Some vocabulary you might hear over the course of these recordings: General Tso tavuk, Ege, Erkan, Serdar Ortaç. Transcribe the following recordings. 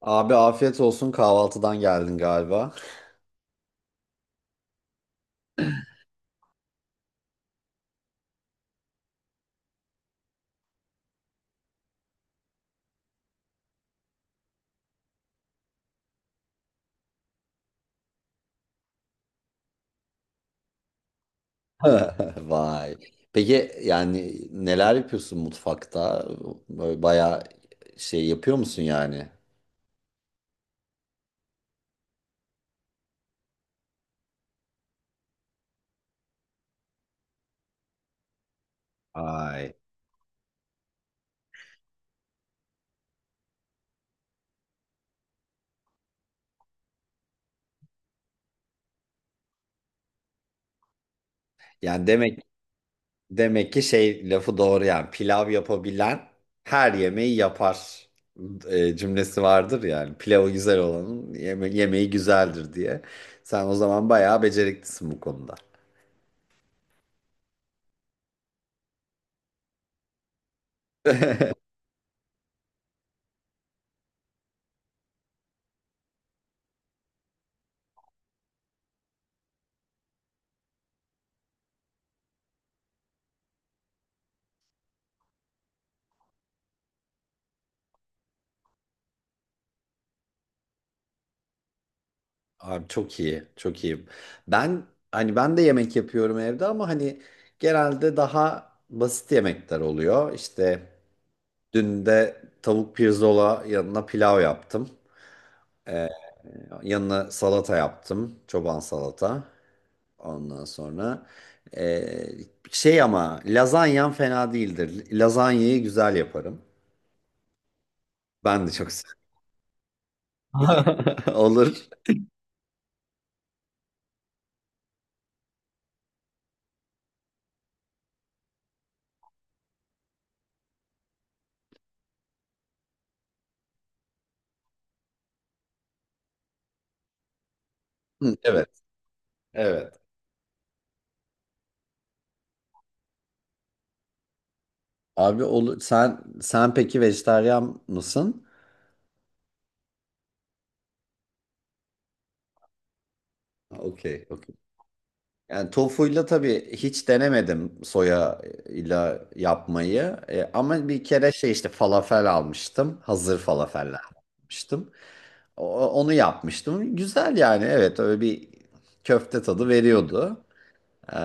Abi afiyet olsun kahvaltıdan geldin galiba. Vay. Peki yani neler yapıyorsun mutfakta? Böyle bayağı şey yapıyor musun yani? Ay. Yani demek ki şey lafı doğru yani pilav yapabilen her yemeği yapar cümlesi vardır yani. Pilavı güzel olanın yemeği güzeldir diye. Sen o zaman bayağı beceriklisin bu konuda. Abi çok iyi, çok iyi. Ben ben de yemek yapıyorum evde ama hani genelde daha basit yemekler oluyor. İşte dün de tavuk pirzola yanına pilav yaptım. Yanına salata yaptım, çoban salata. Ondan sonra eee, şey ama lazanyam fena değildir. Lazanyayı güzel yaparım. Ben de çok sev- Olur. Hı, evet, evet. Abi olur. Sen peki vejetaryen mısın? Okey, okey. Yani tofuyla tabii hiç denemedim soya ile yapmayı. E, ama bir kere şey işte falafel almıştım. Hazır falafeller almıştım. Onu yapmıştım. Güzel yani evet öyle bir köfte tadı veriyordu. E,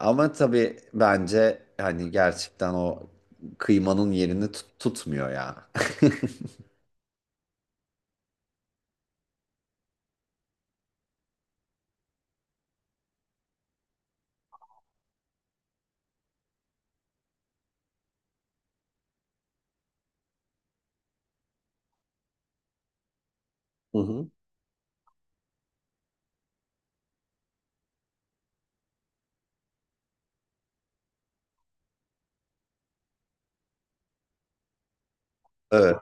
ama tabii bence hani gerçekten o kıymanın yerini tutmuyor ya. Hı hı. Evet,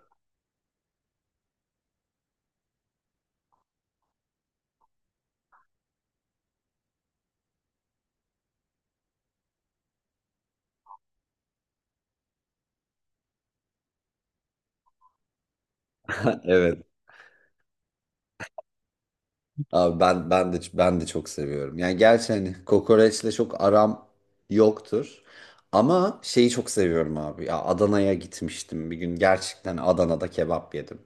evet. Abi ben de çok seviyorum. Yani gerçi hani kokoreçle çok aram yoktur. Ama şeyi çok seviyorum abi. Ya Adana'ya gitmiştim bir gün. Gerçekten Adana'da kebap yedim.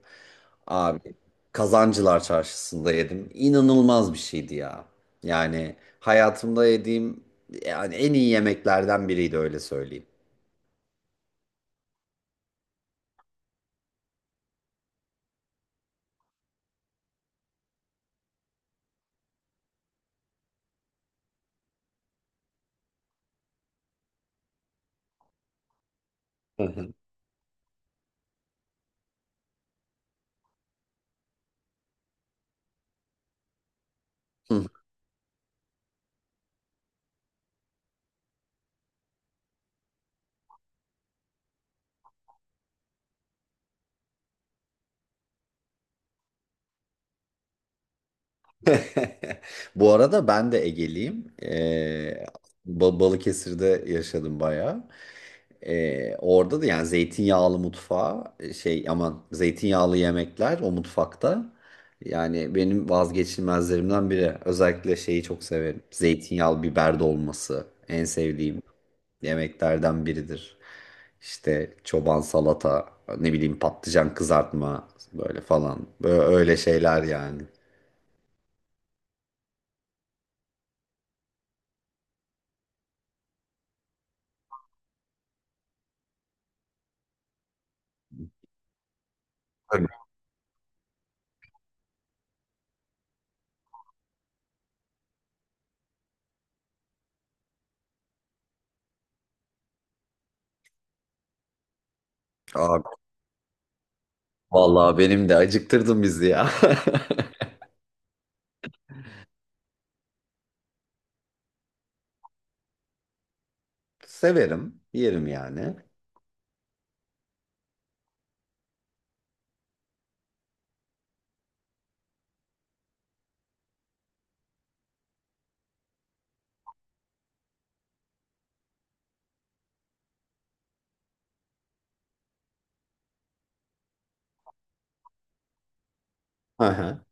Abi Kazancılar Çarşısı'nda yedim. İnanılmaz bir şeydi ya. Yani hayatımda yediğim yani en iyi yemeklerden biriydi öyle söyleyeyim. Hı hı. Bu arada ben de Egeliyim. Balıkesir'de yaşadım bayağı. Orada da yani zeytinyağlı mutfağı şey aman zeytinyağlı yemekler o mutfakta. Yani benim vazgeçilmezlerimden biri. Özellikle şeyi çok severim. Zeytinyağlı biber dolması en sevdiğim yemeklerden biridir. İşte çoban salata, ne bileyim patlıcan kızartma böyle falan. Böyle öyle şeyler yani. Tabii. Vallahi benim de acıktırdın bizi ya. Severim, yerim yani. Aha.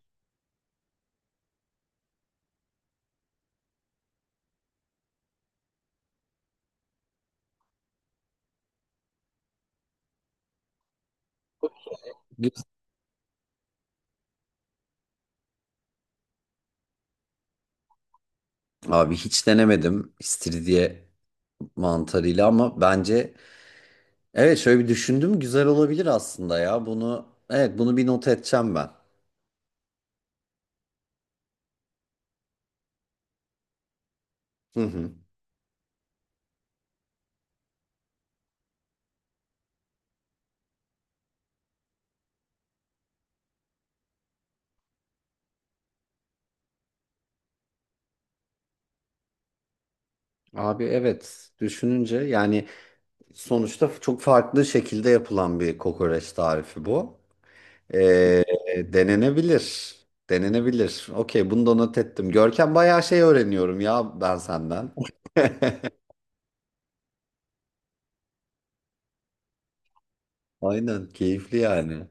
Güzel. Abi hiç denemedim istiridye mantarıyla ama bence evet şöyle bir düşündüm güzel olabilir aslında ya. Bunu evet bunu bir not edeceğim ben. Hı hı. Abi evet düşününce yani sonuçta çok farklı şekilde yapılan bir kokoreç tarifi bu. Ee, denenebilir. Denenebilir. Okey bunu da not ettim. Görkem bayağı şey öğreniyorum ya ben senden. Aynen keyifli yani.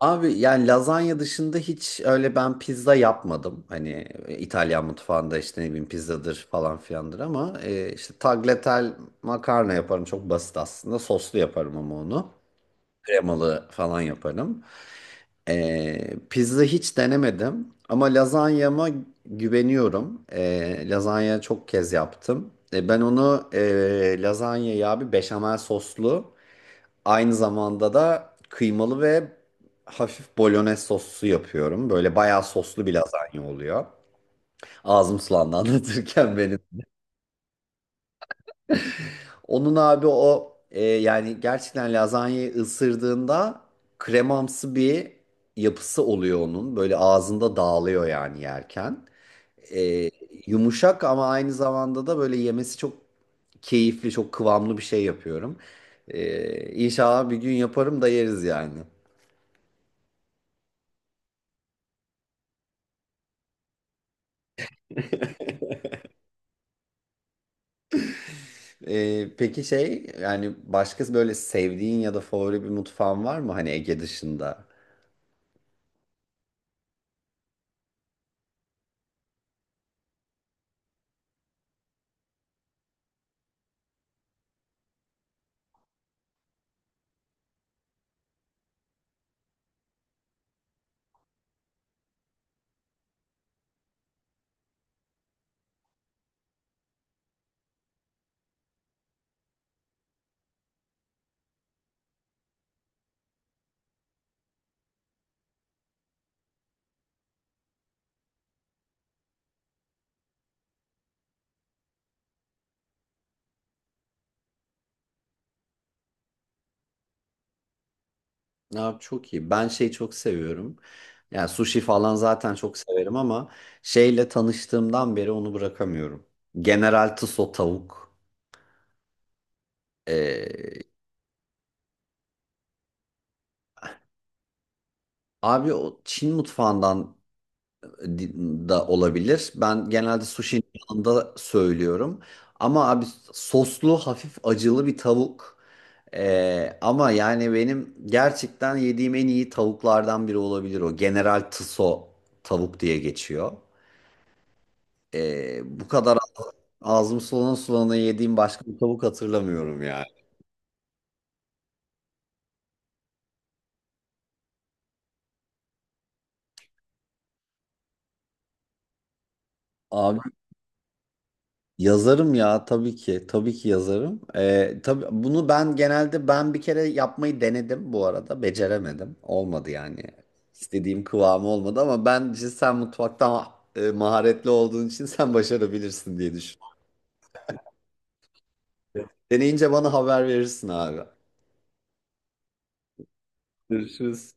Abi yani lazanya dışında hiç öyle ben pizza yapmadım. Hani İtalyan mutfağında işte ne bileyim pizzadır falan filandır ama işte tagliatelle makarna yaparım çok basit aslında. Soslu yaparım ama onu. Kremalı falan yaparım. E, pizza hiç denemedim ama lazanyama güveniyorum. E, lazanya çok kez yaptım. Ben onu lazanyayı abi beşamel soslu. Aynı zamanda da kıymalı ve hafif bolognese soslu yapıyorum. Böyle bayağı soslu bir lazanya oluyor. Ağzım sulandı anlatırken benim. Onun abi o yani gerçekten lazanyayı ısırdığında kremamsı bir yapısı oluyor onun. Böyle ağzında dağılıyor yani yerken. E, yumuşak ama aynı zamanda da böyle yemesi çok keyifli, çok kıvamlı bir şey yapıyorum. E, İnşallah bir gün yaparım da yeriz yani. Peki şey yani başka böyle sevdiğin ya da favori bir mutfağın var mı hani Ege dışında? Abi çok iyi. Ben şeyi çok seviyorum. Yani sushi falan zaten çok severim ama şeyle tanıştığımdan beri onu bırakamıyorum. General Tso tavuk. Ee, abi o Çin mutfağından da olabilir. Ben genelde sushi'nin yanında söylüyorum. Ama abi soslu hafif acılı bir tavuk. Ama yani benim gerçekten yediğim en iyi tavuklardan biri olabilir o. General Tso tavuk diye geçiyor. Bu kadar ağzım sulana sulana yediğim başka bir tavuk hatırlamıyorum yani. Abi yazarım ya tabii ki yazarım. Tabii bunu ben bir kere yapmayı denedim bu arada beceremedim. Olmadı yani. İstediğim kıvamı olmadı ama bence sen mutfaktan maharetli olduğun için sen başarabilirsin diye düşünüyorum. Deneyince bana haber verirsin abi. Görüşürüz.